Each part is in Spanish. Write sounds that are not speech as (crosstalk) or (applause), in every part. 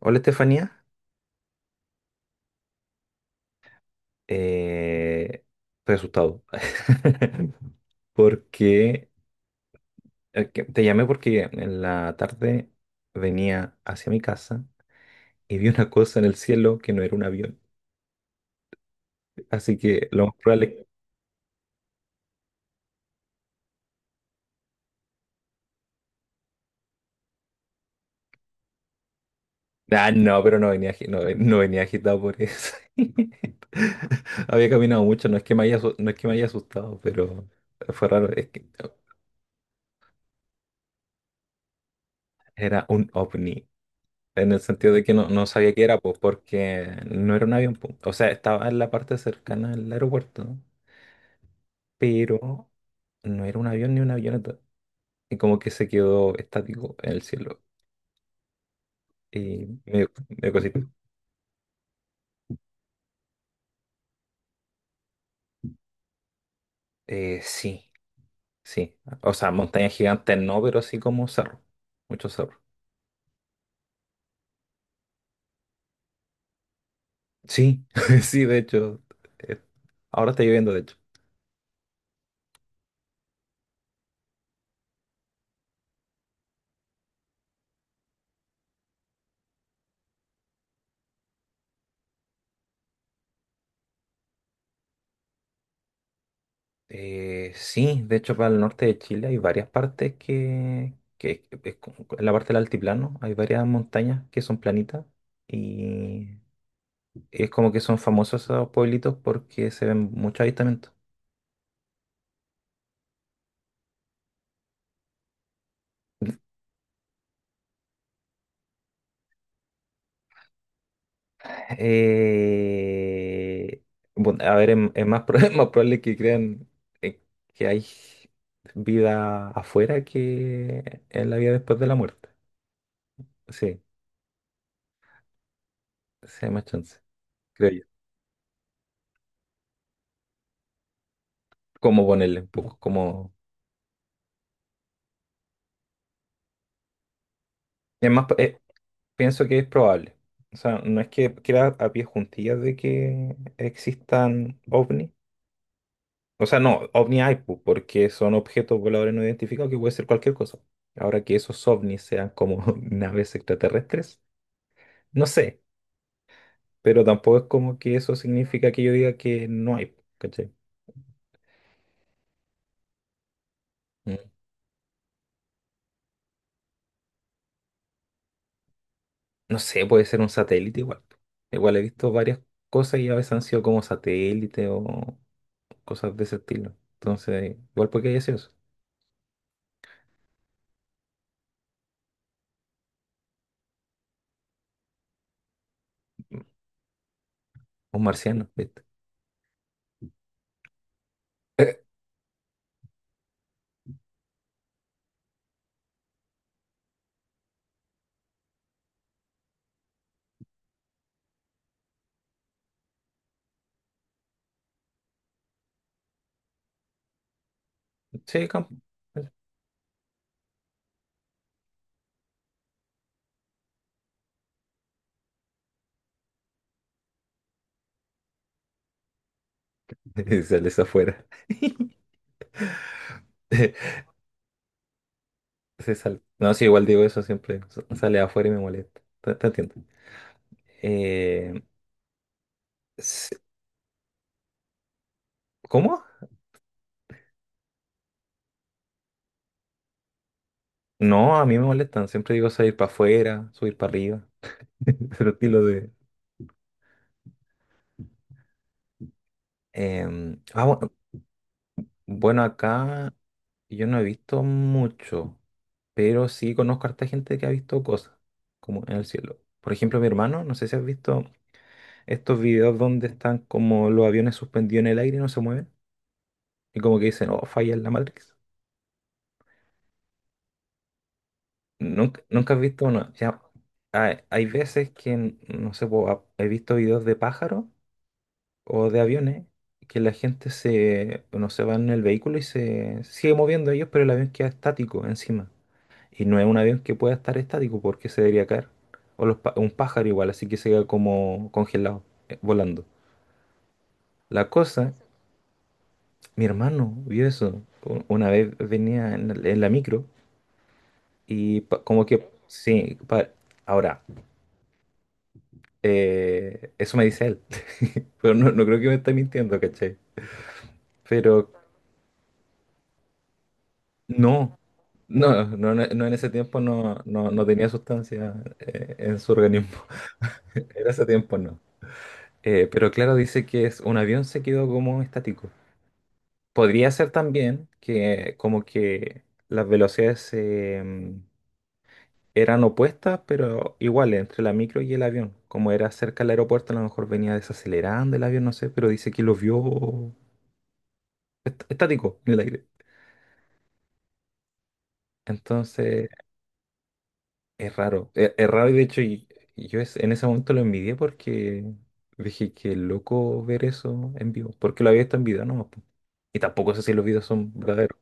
Hola Estefanía. Eh, Estoy asustado (laughs) porque te llamé porque en la tarde venía hacia mi casa y vi una cosa en el cielo que no era un avión, así que lo más probable... Ah, no, pero no venía agitado por eso. (laughs) Había caminado mucho, no es que me haya, asu- no es que me haya asustado, pero fue raro, es que era un ovni. En el sentido de que no sabía qué era, pues, porque no era un avión, pues. O sea, estaba en la parte cercana al aeropuerto, ¿no? Pero no era un avión ni una avioneta. Y como que se quedó estático en el cielo. Y me cosita. Sí, sí. O sea, montañas gigantes no, pero sí como cerro. Muchos cerros. Sí, (laughs) sí, de hecho. eh, Ahora está lloviendo, de hecho. Sí, de hecho para el norte de Chile hay varias partes que es como- en la parte del altiplano hay varias montañas que son planitas y es como que son famosos esos pueblitos porque se ven muchos avistamientos. Eh, bueno, a ver, (laughs) es más probable que crean eh, que hay vida afuera que en la vida después de la muerte. Sí, sí hay más chance, creo yo. ¿Cómo ponerle? Un poco como... Es más, eh, Pienso que es probable. O sea, no es que queda a pie juntillas de que existan ovnis. O sea, no, ovni hay, pu, porque son objetos voladores no identificados que puede ser cualquier cosa. Ahora que esos ovnis sean como (laughs) naves extraterrestres, no sé, pero tampoco es como que eso significa que yo diga que no hay, pu, ¿cachai? Mm. No sé, puede ser un satélite igual, pu. Igual he visto varias cosas y a veces han sido como satélites o cosas de ese estilo. Entonces, igual puede que haya sido eso. Un marciano, ¿viste? Sí, campo. (laughs) Y sales afuera. (laughs) No, sí, igual digo eso siempre. Sale afuera y me molesta. Te entiendo. Eh, s- ¿Cómo? No, a mí me molestan. Siempre digo salir para afuera, subir para arriba. (laughs) Pero estilo de. Em, ah, bu- bueno, acá yo no he visto mucho. Pero sí conozco a harta gente que ha visto cosas, como en el cielo. Por ejemplo, mi hermano, no sé si has visto estos videos donde están como los aviones suspendidos en el aire y no se mueven. Y como que dicen, oh, falla en la Matrix. Nunca, nunca has visto una. Ya, hay veces que, no sé, po, he visto videos de pájaros o de aviones que la gente se, no se va en el vehículo y se sigue moviendo ellos, pero el avión queda estático encima. Y no es un avión que pueda estar estático porque se debería caer. O los, un pájaro igual, así que se queda como congelado, volando. La cosa, mi hermano vio eso. Una vez venía en la micro. Y pa- como que, sí, pa- ahora, eso me dice él, (laughs) pero no, no creo que me esté mintiendo, ¿cachai? Pero no, no, en ese tiempo no, no tenía sustancia en su organismo, (laughs) en ese tiempo no. Pero claro, dice que es, un avión se quedó como estático. Podría ser también que como que las velocidades eran opuestas, pero iguales, entre la micro y el avión. Como era cerca del aeropuerto, a lo mejor venía desacelerando el avión, no sé, pero dice que lo vio estático en el aire. Entonces, es raro. Es raro y de hecho, y yo en ese momento lo envidié porque dije que loco ver eso en vivo. Porque lo había visto en video nomás, po. Y tampoco sé si los videos son verdaderos.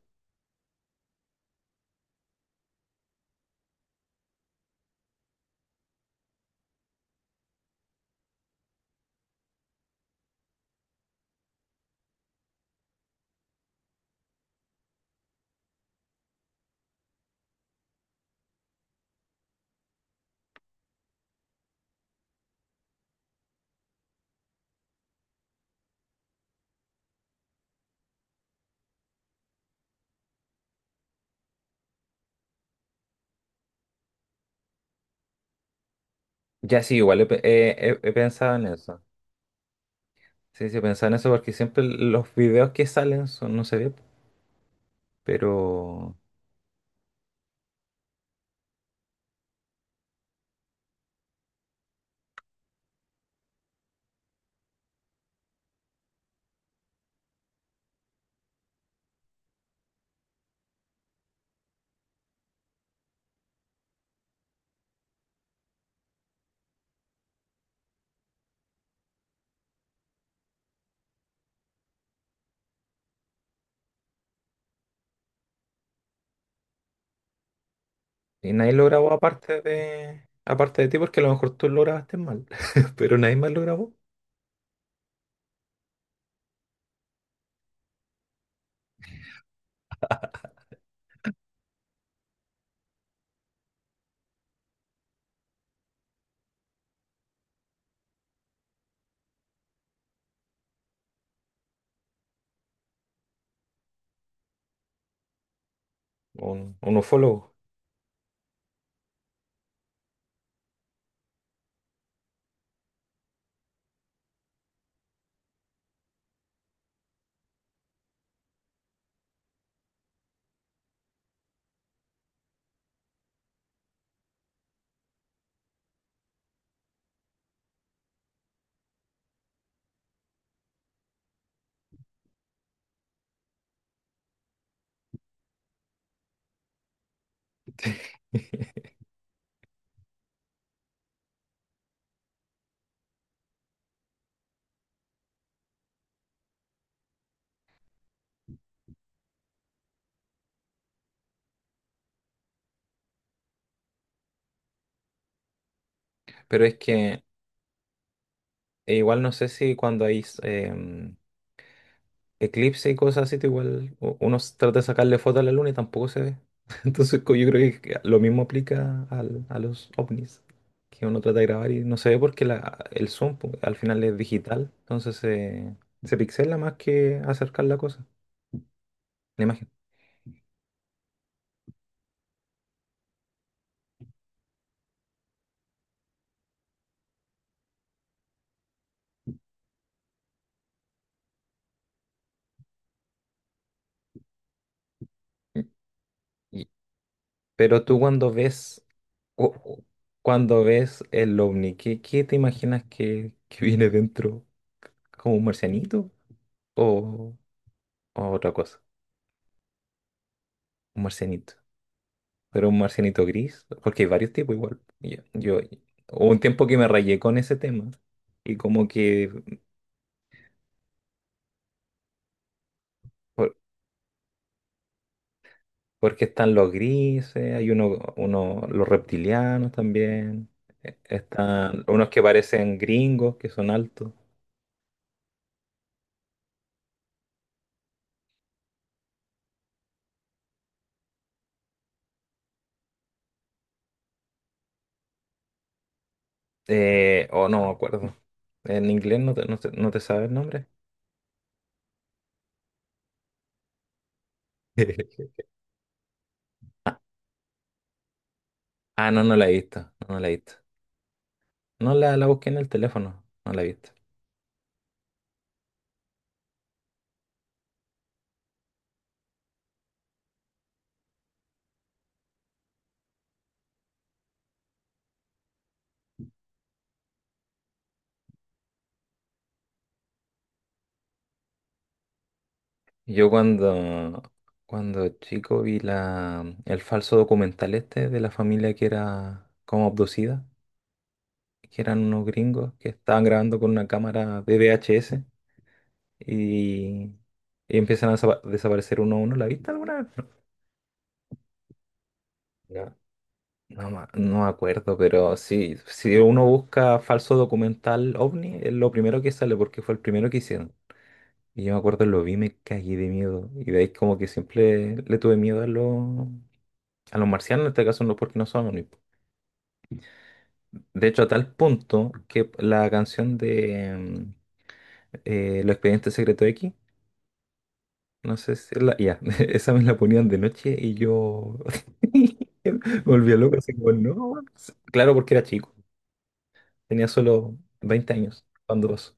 Ya sí, igual he, pe- he- he- he pensado en eso. Sí, sí, he pensado en eso porque siempre los videos que salen son, no se ve, po. Pero y nadie lo grabó aparte de ti, porque a lo mejor tú lo grabaste mal, (laughs) pero nadie más lo grabó. Un ufólogo. Pero es que e igual no sé si cuando hay eclipse y cosas así, tú igual uno trata de sacarle foto a la luna y tampoco se ve. (laughs) Entonces yo creo que lo mismo aplica a los ovnis, que uno trata de grabar y no se ve porque la, el zoom pu, al final es digital, entonces se pixela más que acercar la cosa, la imagen. Y- y- Pero tú cuando ves Cu- cu- cuando ves el ovni, ¿qué te imaginas que viene dentro? ¿Como un marcianito o, o otra cosa? Un marcianito. Pero un marcianito gris, porque hay varios tipos igual. Hubo un tiempo que me rayé con ese tema y como que, por- porque están los grises, hay uno, los reptilianos también, están unos que parecen gringos, que son altos, o no me acuerdo. En inglés no te, no te, no te sabe el nombre. (laughs) Ah, ah, no, no la he visto, no, no la he visto. No la, la busqué en el teléfono, no la he visto. Yo cuando, Cuando chico vi la, el falso documental este de la familia que era como abducida, que eran unos gringos que estaban grabando con una cámara de VHS y, y empiezan a desaparecer uno a uno. ¿La viste alguna vez? No, no, me no me acuerdo, pero sí, si uno busca falso documental ovni, es lo primero que sale porque fue el primero que hicieron. Y yo me acuerdo, lo vi, me cagué de miedo. Y de ahí como que siempre le tuve miedo a los marcianos, en este caso no porque no son omnípodos. De hecho, a tal punto que la canción de Los Expedientes Secretos X, no sé si es la... Ya, (laughs) esa me la ponían de noche y yo (laughs) me volvía loco, así como, no. Claro, porque era chico, tenía solo 20 años cuando pasó.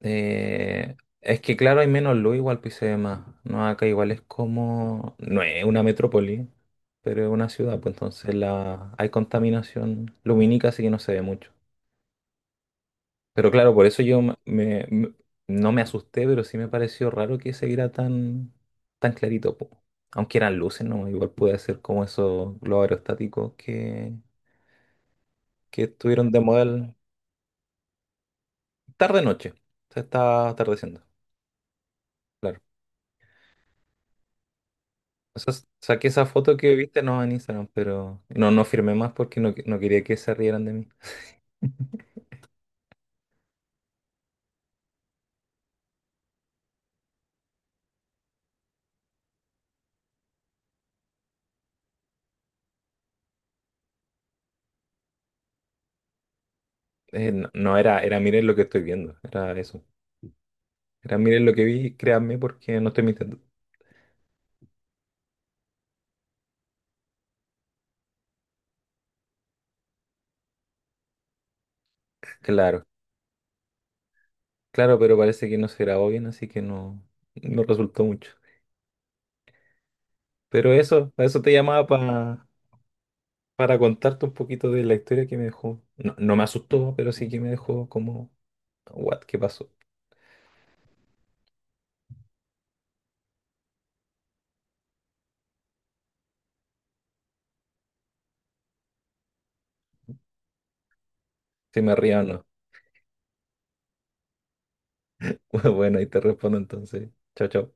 Eh, es que claro, hay menos luz, igual pues, y se ve más. No, acá igual es como. No es una metrópoli, pero es una ciudad, pues entonces la... hay contaminación lumínica, así que no se ve mucho. Pero claro, por eso yo me, me- me- no me asusté, pero sí me pareció raro que se viera tan, tan clarito, po. Aunque eran luces, ¿no? Igual puede ser como esos globos aerostáticos que estuvieron de modelo tarde noche. Se está atardeciendo. Claro. O sea, saqué esa foto que viste no en Instagram, pero no, no firmé más porque no, no quería que se rieran de mí. (laughs) No, era miren lo que estoy viendo, era eso. Era miren lo que vi, créanme porque no estoy mintiendo. Claro, claro, pero parece que no se grabó bien, así que no, no resultó mucho. Pero eso, para eso te llamaba para contarte un poquito de la historia que me dejó. No, no me asustó, pero sí que me dejó como, what, ¿qué pasó? Si me río o no. (laughs) Bueno, ahí te respondo entonces. Chao, chao.